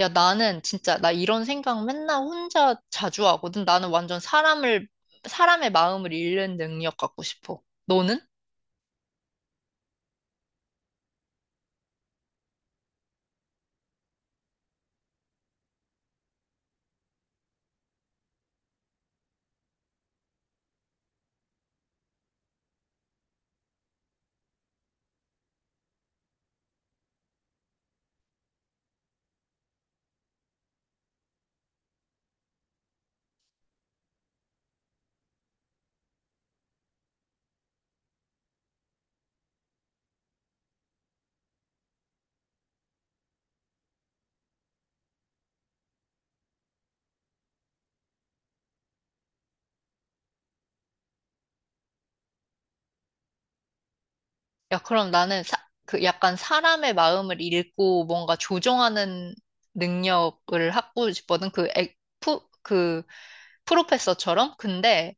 야, 나는 진짜, 나 이런 생각 맨날 혼자 자주 하거든. 나는 완전 사람의 마음을 읽는 능력 갖고 싶어. 너는? 야, 그럼 나는 사, 그 약간 사람의 마음을 읽고 뭔가 조정하는 능력을 갖고 싶거든. 프, 그, 프로페서처럼? 근데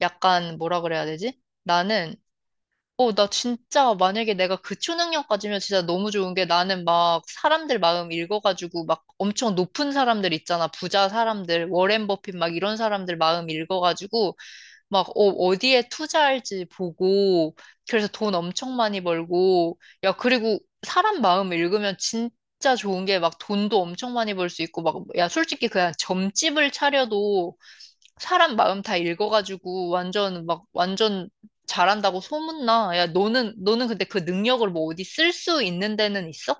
약간 뭐라 그래야 되지? 나는 나 진짜 만약에 내가 그 초능력 가지면 진짜 너무 좋은 게 나는 막 사람들 마음 읽어가지고 막 엄청 높은 사람들 있잖아. 부자 사람들, 워렌 버핏 막 이런 사람들 마음 읽어가지고 막 어디에 투자할지 보고 그래서 돈 엄청 많이 벌고 야, 그리고 사람 마음 읽으면 진짜 좋은 게 막 돈도 엄청 많이 벌 수 있고 막 야, 솔직히 그냥 점집을 차려도 사람 마음 다 읽어가지고 완전 잘한다고 소문나. 야, 너는 근데 그 능력을 뭐 어디 쓸 수 있는 데는 있어?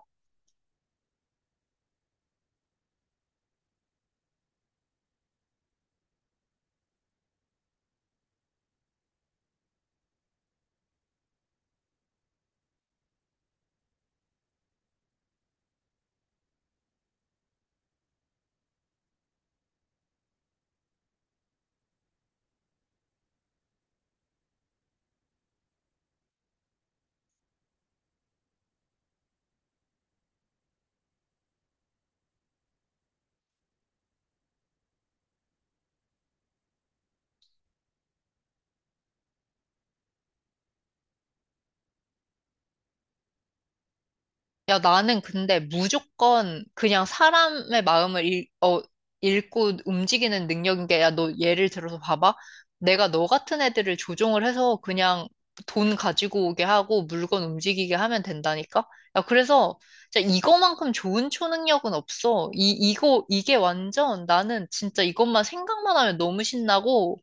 야, 나는 근데 무조건 그냥 사람의 마음을 읽고 움직이는 능력인 게, 야, 너 예를 들어서 봐봐. 내가 너 같은 애들을 조종을 해서 그냥 돈 가지고 오게 하고 물건 움직이게 하면 된다니까? 야, 그래서 진짜 이거만큼 좋은 초능력은 없어. 이게 완전 나는 진짜 이것만 생각만 하면 너무 신나고,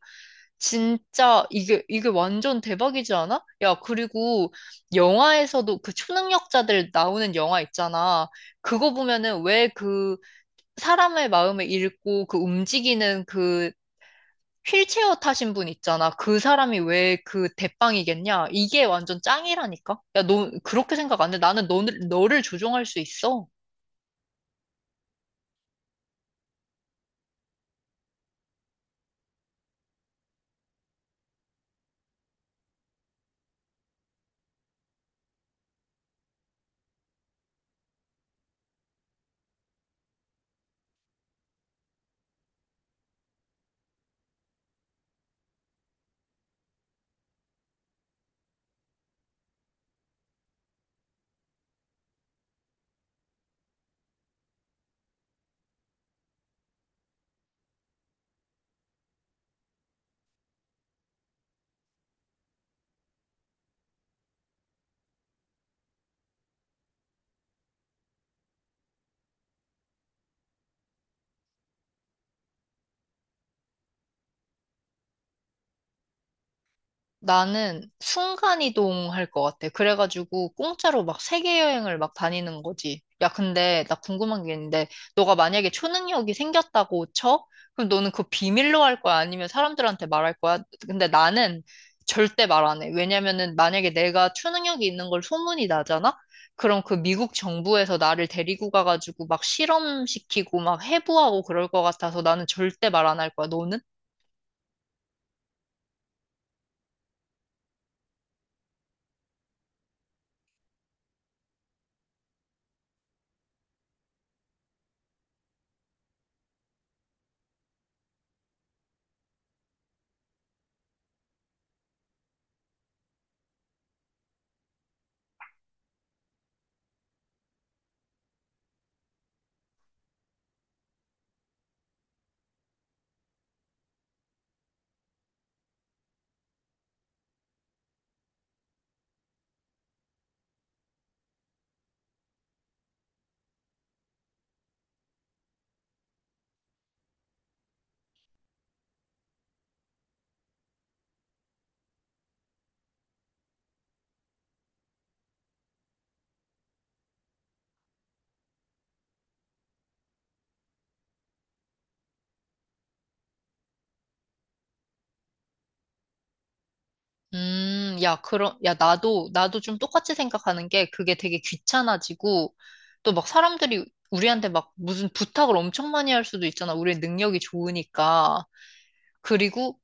진짜 이게 완전 대박이지 않아? 야, 그리고 영화에서도 그 초능력자들 나오는 영화 있잖아. 그거 보면은 왜 그 사람의 마음을 읽고 그 움직이는 그 휠체어 타신 분 있잖아. 그 사람이 왜 그 대빵이겠냐? 이게 완전 짱이라니까. 야, 너 그렇게 생각 안 해? 나는 너를 조종할 수 있어. 나는 순간이동 할 것 같아. 그래가지고 공짜로 막 세계 여행을 막 다니는 거지. 야, 근데 나 궁금한 게 있는데, 너가 만약에 초능력이 생겼다고 쳐? 그럼 너는 그거 비밀로 할 거야? 아니면 사람들한테 말할 거야? 근데 나는 절대 말 안 해. 왜냐면은 만약에 내가 초능력이 있는 걸 소문이 나잖아? 그럼 그 미국 정부에서 나를 데리고 가가지고 막 실험시키고 막 해부하고 그럴 것 같아서 나는 절대 말 안 할 거야. 너는? 야, 그럼, 야, 나도 좀 똑같이 생각하는 게 그게 되게 귀찮아지고 또 막 사람들이 우리한테 막 무슨 부탁을 엄청 많이 할 수도 있잖아. 우리의 능력이 좋으니까. 그리고,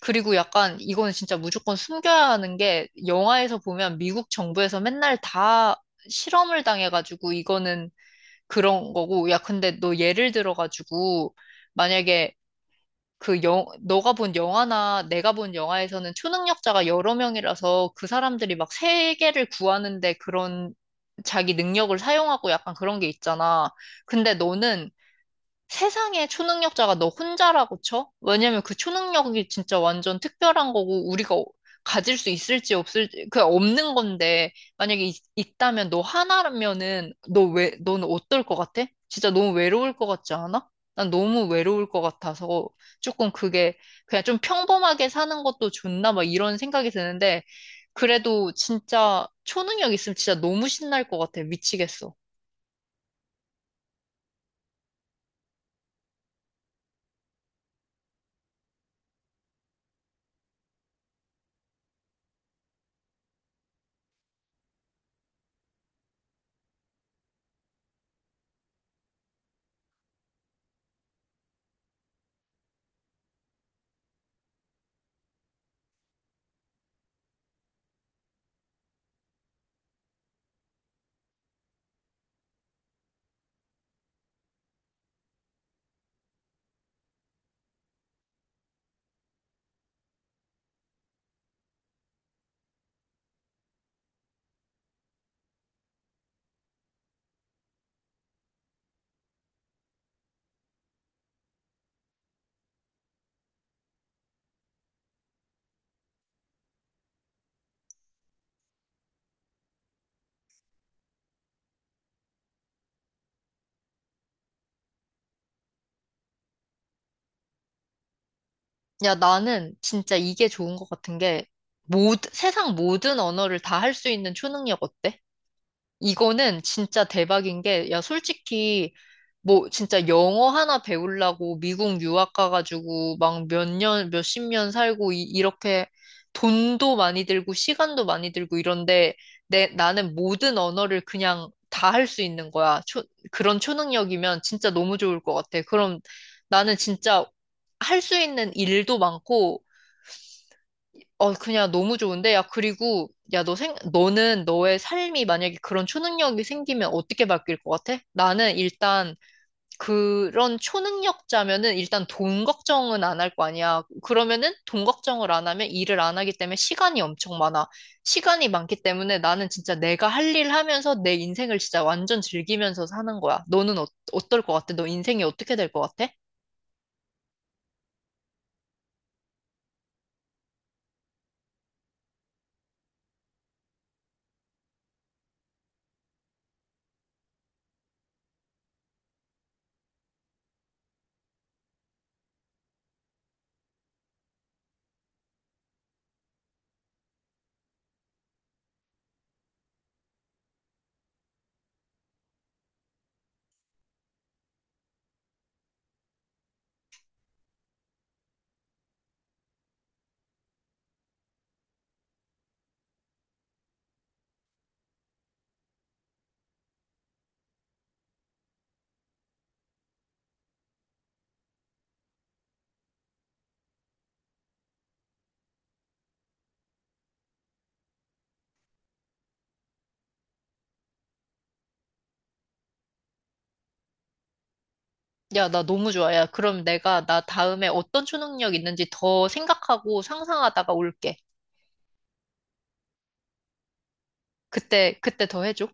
그리고 약간 이거는 진짜 무조건 숨겨야 하는 게 영화에서 보면 미국 정부에서 맨날 다 실험을 당해가지고 이거는 그런 거고. 야, 근데 너 예를 들어가지고 만약에 너가 본 영화나 내가 본 영화에서는 초능력자가 여러 명이라서 그 사람들이 막 세계를 구하는데 그런 자기 능력을 사용하고 약간 그런 게 있잖아. 근데 너는 세상에 초능력자가 너 혼자라고 쳐? 왜냐면 그 초능력이 진짜 완전 특별한 거고 우리가 가질 수 있을지 없을지 그 없는 건데 만약에 있다면 너 하나면은 너는 어떨 것 같아? 진짜 너무 외로울 것 같지 않아? 난 너무 외로울 것 같아서 조금 그게 그냥 좀 평범하게 사는 것도 좋나 막 이런 생각이 드는데 그래도 진짜 초능력 있으면 진짜 너무 신날 것 같아. 미치겠어. 야, 나는 진짜 이게 좋은 것 같은 게, 모든, 세상 모든 언어를 다 할 수 있는 초능력 어때? 이거는 진짜 대박인 게, 야, 솔직히, 뭐, 진짜 영어 하나 배우려고 미국 유학 가가지고 막 몇십 년 살고, 이렇게 돈도 많이 들고, 시간도 많이 들고 이런데, 나는 모든 언어를 그냥 다 할 수 있는 거야. 그런 초능력이면 진짜 너무 좋을 것 같아. 그럼 나는 진짜 할 수 있는 일도 많고, 그냥 너무 좋은데? 야, 그리고, 야, 너는 너의 삶이 만약에 그런 초능력이 생기면 어떻게 바뀔 것 같아? 나는 일단 그런 초능력자면은 일단 돈 걱정은 안 할 거 아니야. 그러면은 돈 걱정을 안 하면 일을 안 하기 때문에 시간이 엄청 많아. 시간이 많기 때문에 나는 진짜 내가 할 일 하면서 내 인생을 진짜 완전 즐기면서 사는 거야. 너는 어떨 것 같아? 너 인생이 어떻게 될 것 같아? 야, 나 너무 좋아. 야, 그럼 내가 나 다음에 어떤 초능력 있는지 더 생각하고 상상하다가 올게. 그때 더 해줘.